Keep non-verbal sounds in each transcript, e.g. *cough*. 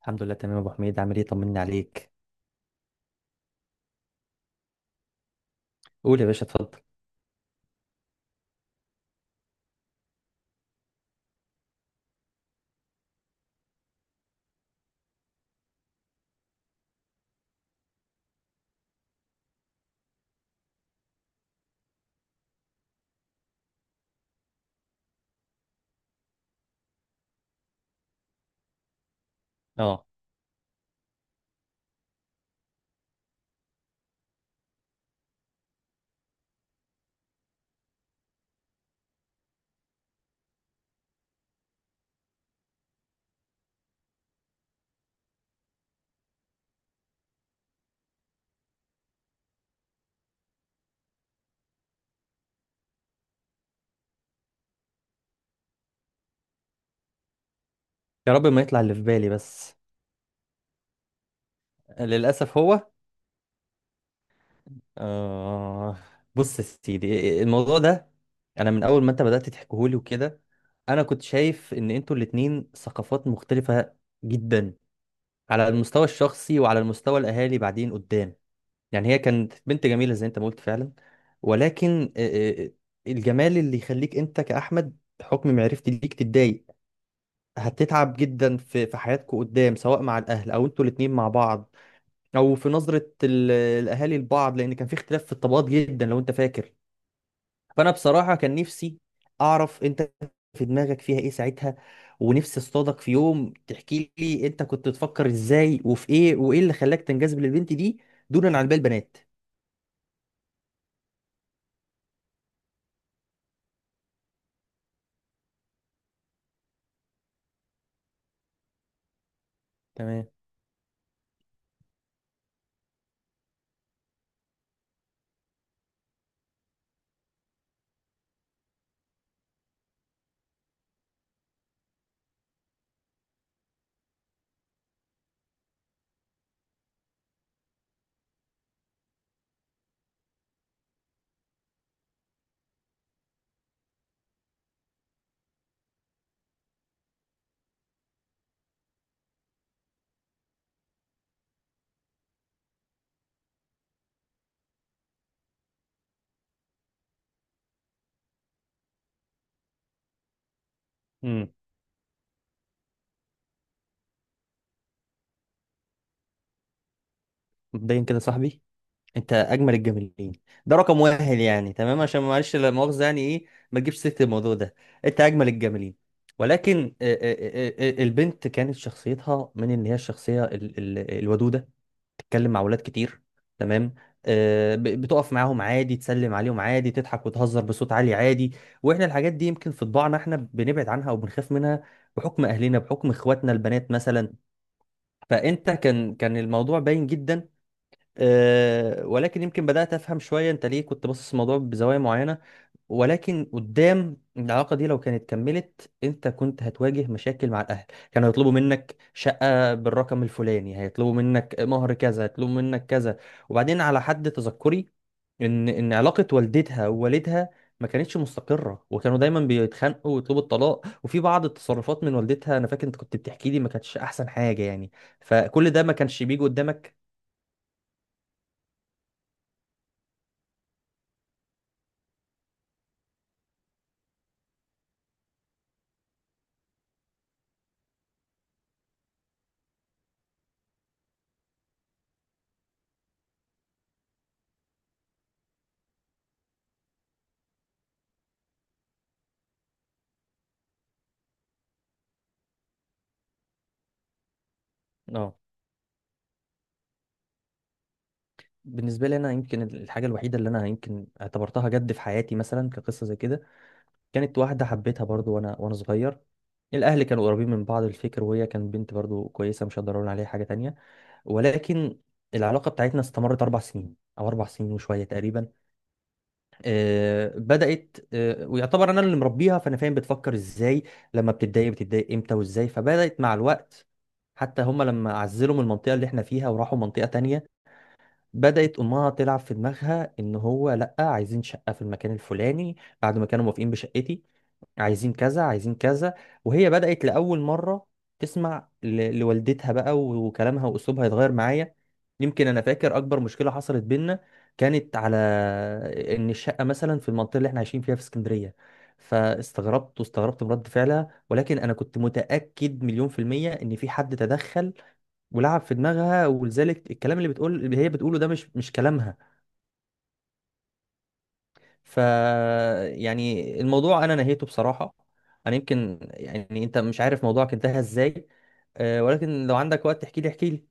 الحمد لله تمام يا ابو حميد، عامل ايه؟ طمني عليك. قول يا باشا، اتفضل. اه، يا رب ما يطلع اللي في بالي بس. للاسف هو. آه بص يا سيدي، إيه، إيه، الموضوع ده، انا من اول ما انت بدات تحكيهولي وكده انا كنت شايف ان انتوا الاتنين ثقافات مختلفه جدا، على المستوى الشخصي وعلى المستوى الاهالي بعدين قدام. يعني هي كانت بنت جميله زي انت ما قلت فعلا، ولكن آه، آه، الجمال اللي يخليك انت كاحمد حكم معرفتي ليك تتضايق. هتتعب جدا في حياتكم قدام، سواء مع الاهل او انتوا الاتنين مع بعض، او في نظرة الاهالي لبعض، لان كان في اختلاف في الطبقات جدا لو انت فاكر. فانا بصراحة كان نفسي اعرف انت في دماغك فيها ايه ساعتها، ونفسي اصطادك في يوم تحكي لي انت كنت بتفكر ازاي وفي ايه، وايه اللي خلاك تنجذب للبنت دي دونا عن باقي البنات. تمام. امم. مبدئيا كده يا صاحبي، انت اجمل الجميلين، ده رقم واحد يعني، تمام؟ عشان معلش، لا مؤاخذه، يعني ايه، ما تجيبش سيره الموضوع ده، انت اجمل الجميلين. ولكن البنت كانت شخصيتها من ان هي الشخصيه الودوده، تتكلم مع ولاد كتير. تمام. بتقف معاهم عادي، تسلم عليهم عادي، تضحك وتهزر بصوت عالي عادي. واحنا الحاجات دي يمكن في طباعنا، احنا بنبعد عنها او بنخاف منها، بحكم اهلنا، بحكم اخواتنا البنات مثلا. فانت كان الموضوع باين جدا. أه، ولكن يمكن بدأت أفهم شوية أنت ليه كنت باصص الموضوع بزوايا معينة. ولكن قدام العلاقة دي لو كانت كملت أنت كنت هتواجه مشاكل مع الأهل. كانوا هيطلبوا منك شقة بالرقم الفلاني، هيطلبوا منك مهر كذا، هيطلبوا منك كذا. وبعدين على حد تذكري، إن علاقة والدتها ووالدها ما كانتش مستقرة، وكانوا دايما بيتخانقوا ويطلبوا الطلاق، وفي بعض التصرفات من والدتها أنا فاكر أنت كنت بتحكي لي ما كانتش أحسن حاجة يعني. فكل ده ما كانش بيجي قدامك. اه. بالنسبه لي انا، يمكن الحاجه الوحيده اللي انا يمكن اعتبرتها جد في حياتي مثلا كقصه زي كده، كانت واحده حبيتها برضو وانا صغير. الاهل كانوا قريبين من بعض الفكر، وهي كانت بنت برضو كويسه، مش هقدر اقول عليها حاجه تانية. ولكن العلاقه بتاعتنا استمرت 4 سنين او 4 سنين وشويه تقريبا. بدات، ويعتبر انا اللي مربيها، فانا فاهم بتفكر ازاي، لما بتتضايق بتتضايق امتى وازاي. فبدات مع الوقت حتى هم لما عزلوا من المنطقه اللي احنا فيها وراحوا منطقه تانية، بدأت أمها تلعب في دماغها إن هو لأ، عايزين شقة في المكان الفلاني بعد ما كانوا موافقين بشقتي. عايزين كذا، عايزين كذا. وهي بدأت لأول مرة تسمع لوالدتها بقى، وكلامها وأسلوبها يتغير معايا. يمكن أنا فاكر أكبر مشكلة حصلت بينا كانت على إن الشقة مثلا في المنطقة اللي إحنا عايشين فيها في اسكندرية. فاستغربت، واستغربت من رد فعلها، ولكن أنا كنت متأكد مليون في المية إن في حد تدخل ولعب في دماغها، ولذلك الكلام اللي بتقول اللي هي بتقوله ده مش كلامها. ف، يعني الموضوع انا نهيته بصراحة. انا يمكن يعني، انت مش عارف موضوعك انتهى ازاي، أه، ولكن لو عندك وقت تحكي لي احكي لي.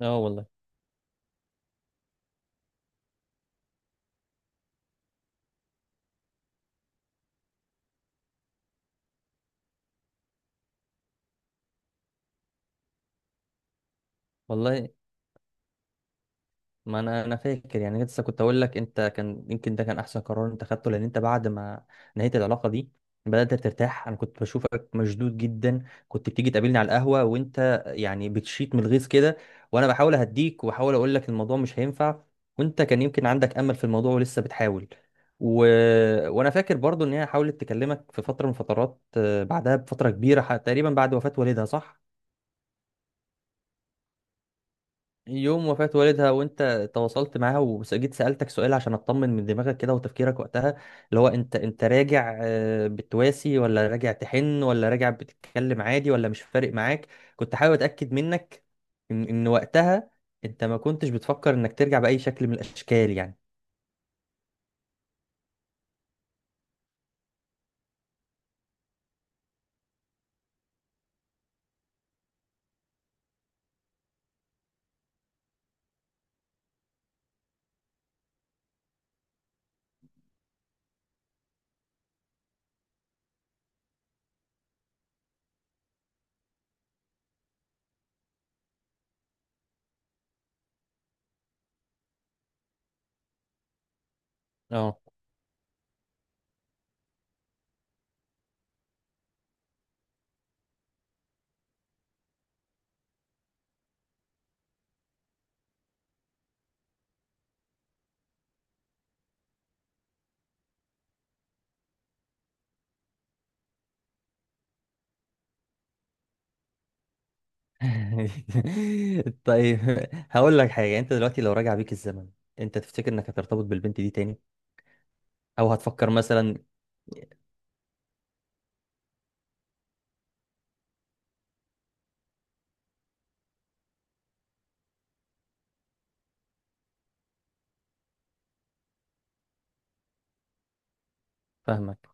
اه والله. والله، ما انا، انا فاكر يعني لسه كنت اقول لك انت كان يمكن ده كان احسن قرار انت خدته، لان انت بعد ما نهيت العلاقه دي بدات ترتاح. انا كنت بشوفك مشدود جدا، كنت بتيجي تقابلني على القهوه وانت يعني بتشيط من الغيظ كده، وانا بحاول اهديك وبحاول اقول لك الموضوع مش هينفع، وانت كان يمكن عندك امل في الموضوع ولسه بتحاول. و... وانا فاكر برضو ان هي حاولت تكلمك في فتره من فترات، بعدها بفتره كبيره، تقريبا بعد وفاه والدها، صح؟ يوم وفاة والدها وانت تواصلت معاها، وجيت سألتك سؤال عشان اطمن من دماغك كده وتفكيرك وقتها. اللي هو انت راجع، بتواسي، ولا راجع تحن، ولا راجع بتتكلم عادي، ولا مش فارق معاك. كنت حابب اتأكد منك ان وقتها انت ما كنتش بتفكر انك ترجع بأي شكل من الاشكال يعني. اه. *laughs* طيب، هقول لك حاجة. انت دلوقتي لو راجع بيك الزمن، انت تفتكر انك هترتبط بالبنت دي تاني؟ او هتفكر مثلا؟ فاهمك.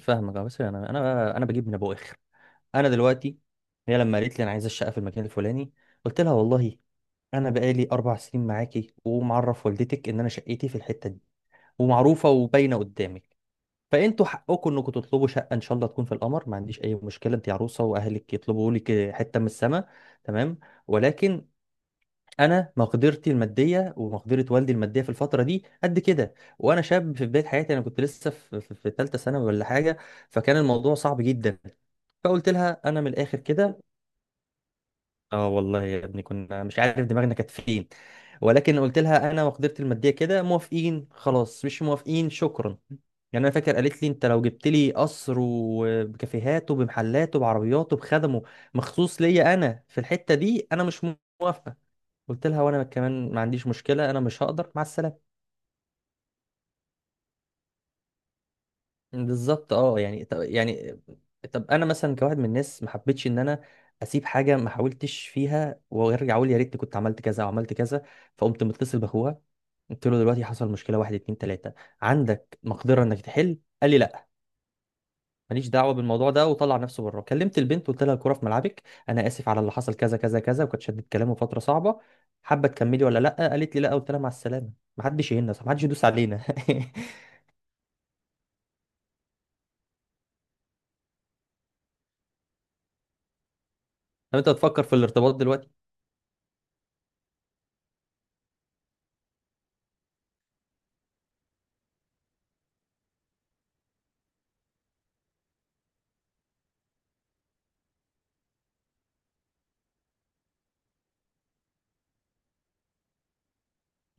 فاهمك، اه. بس انا بجيب من ابو اخر. انا دلوقتي، هي لما قالت لي انا عايزه الشقه في المكان الفلاني، قلت لها والله انا بقالي 4 سنين معاكي، ومعرف والدتك ان انا شقتي في الحته دي، ومعروفه وباينه قدامك. فانتوا حقكم انكم تطلبوا شقه ان شاء الله تكون في القمر، ما عنديش اي مشكله، انت عروسه واهلك يطلبوا لك حته من السماء، تمام. ولكن انا مقدرتي الماديه ومقدره والدي الماديه في الفتره دي قد كده، وانا شاب في بدايه حياتي، انا كنت لسه في ثالثه ثانوي ولا حاجه، فكان الموضوع صعب جدا. فقلت لها انا من الاخر كده، اه والله يا ابني كنا مش عارف دماغنا كانت فين، ولكن قلت لها انا وقدرتي الماديه كده، موافقين خلاص، مش موافقين شكرا. يعني انا فاكر قالت لي انت لو جبت لي قصر وبكافيهاته بمحلاته بعربياته بخدمه مخصوص ليا انا في الحته دي، انا مش موافقه. قلت لها وانا كمان ما عنديش مشكله، انا مش هقدر، مع السلامه. بالظبط، اه يعني. طب يعني، طب انا مثلا كواحد من الناس ما حبيتش ان انا اسيب حاجه ما حاولتش فيها وارجع اقول يا ريت كنت عملت كذا او عملت كذا. فقمت متصل باخوها، قلت له دلوقتي حصل مشكله، واحد اتنين تلاته، عندك مقدره انك تحل؟ قال لي لا، ماليش دعوه بالموضوع ده، وطلع نفسه بره. كلمت البنت قلت لها الكوره في ملعبك، انا اسف على اللي حصل كذا كذا كذا، وكانت شدت كلامه فتره صعبه، حابه تكملي ولا لا؟ قالت لي لا. قلت لها مع السلامه. محدش يهنا، محدش يدوس علينا. *laughs* لو انت بتفكر في الارتباط دلوقتي؟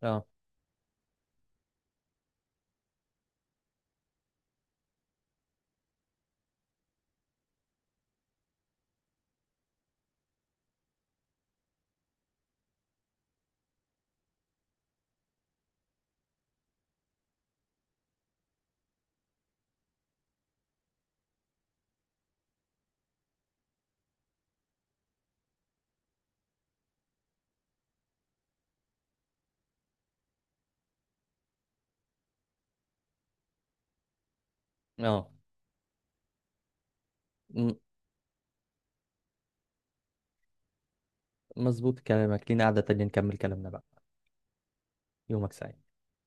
اه. اه، مظبوط كلامك، لينا قعدة تانية نكمل كلامنا بقى. يومك سعيد.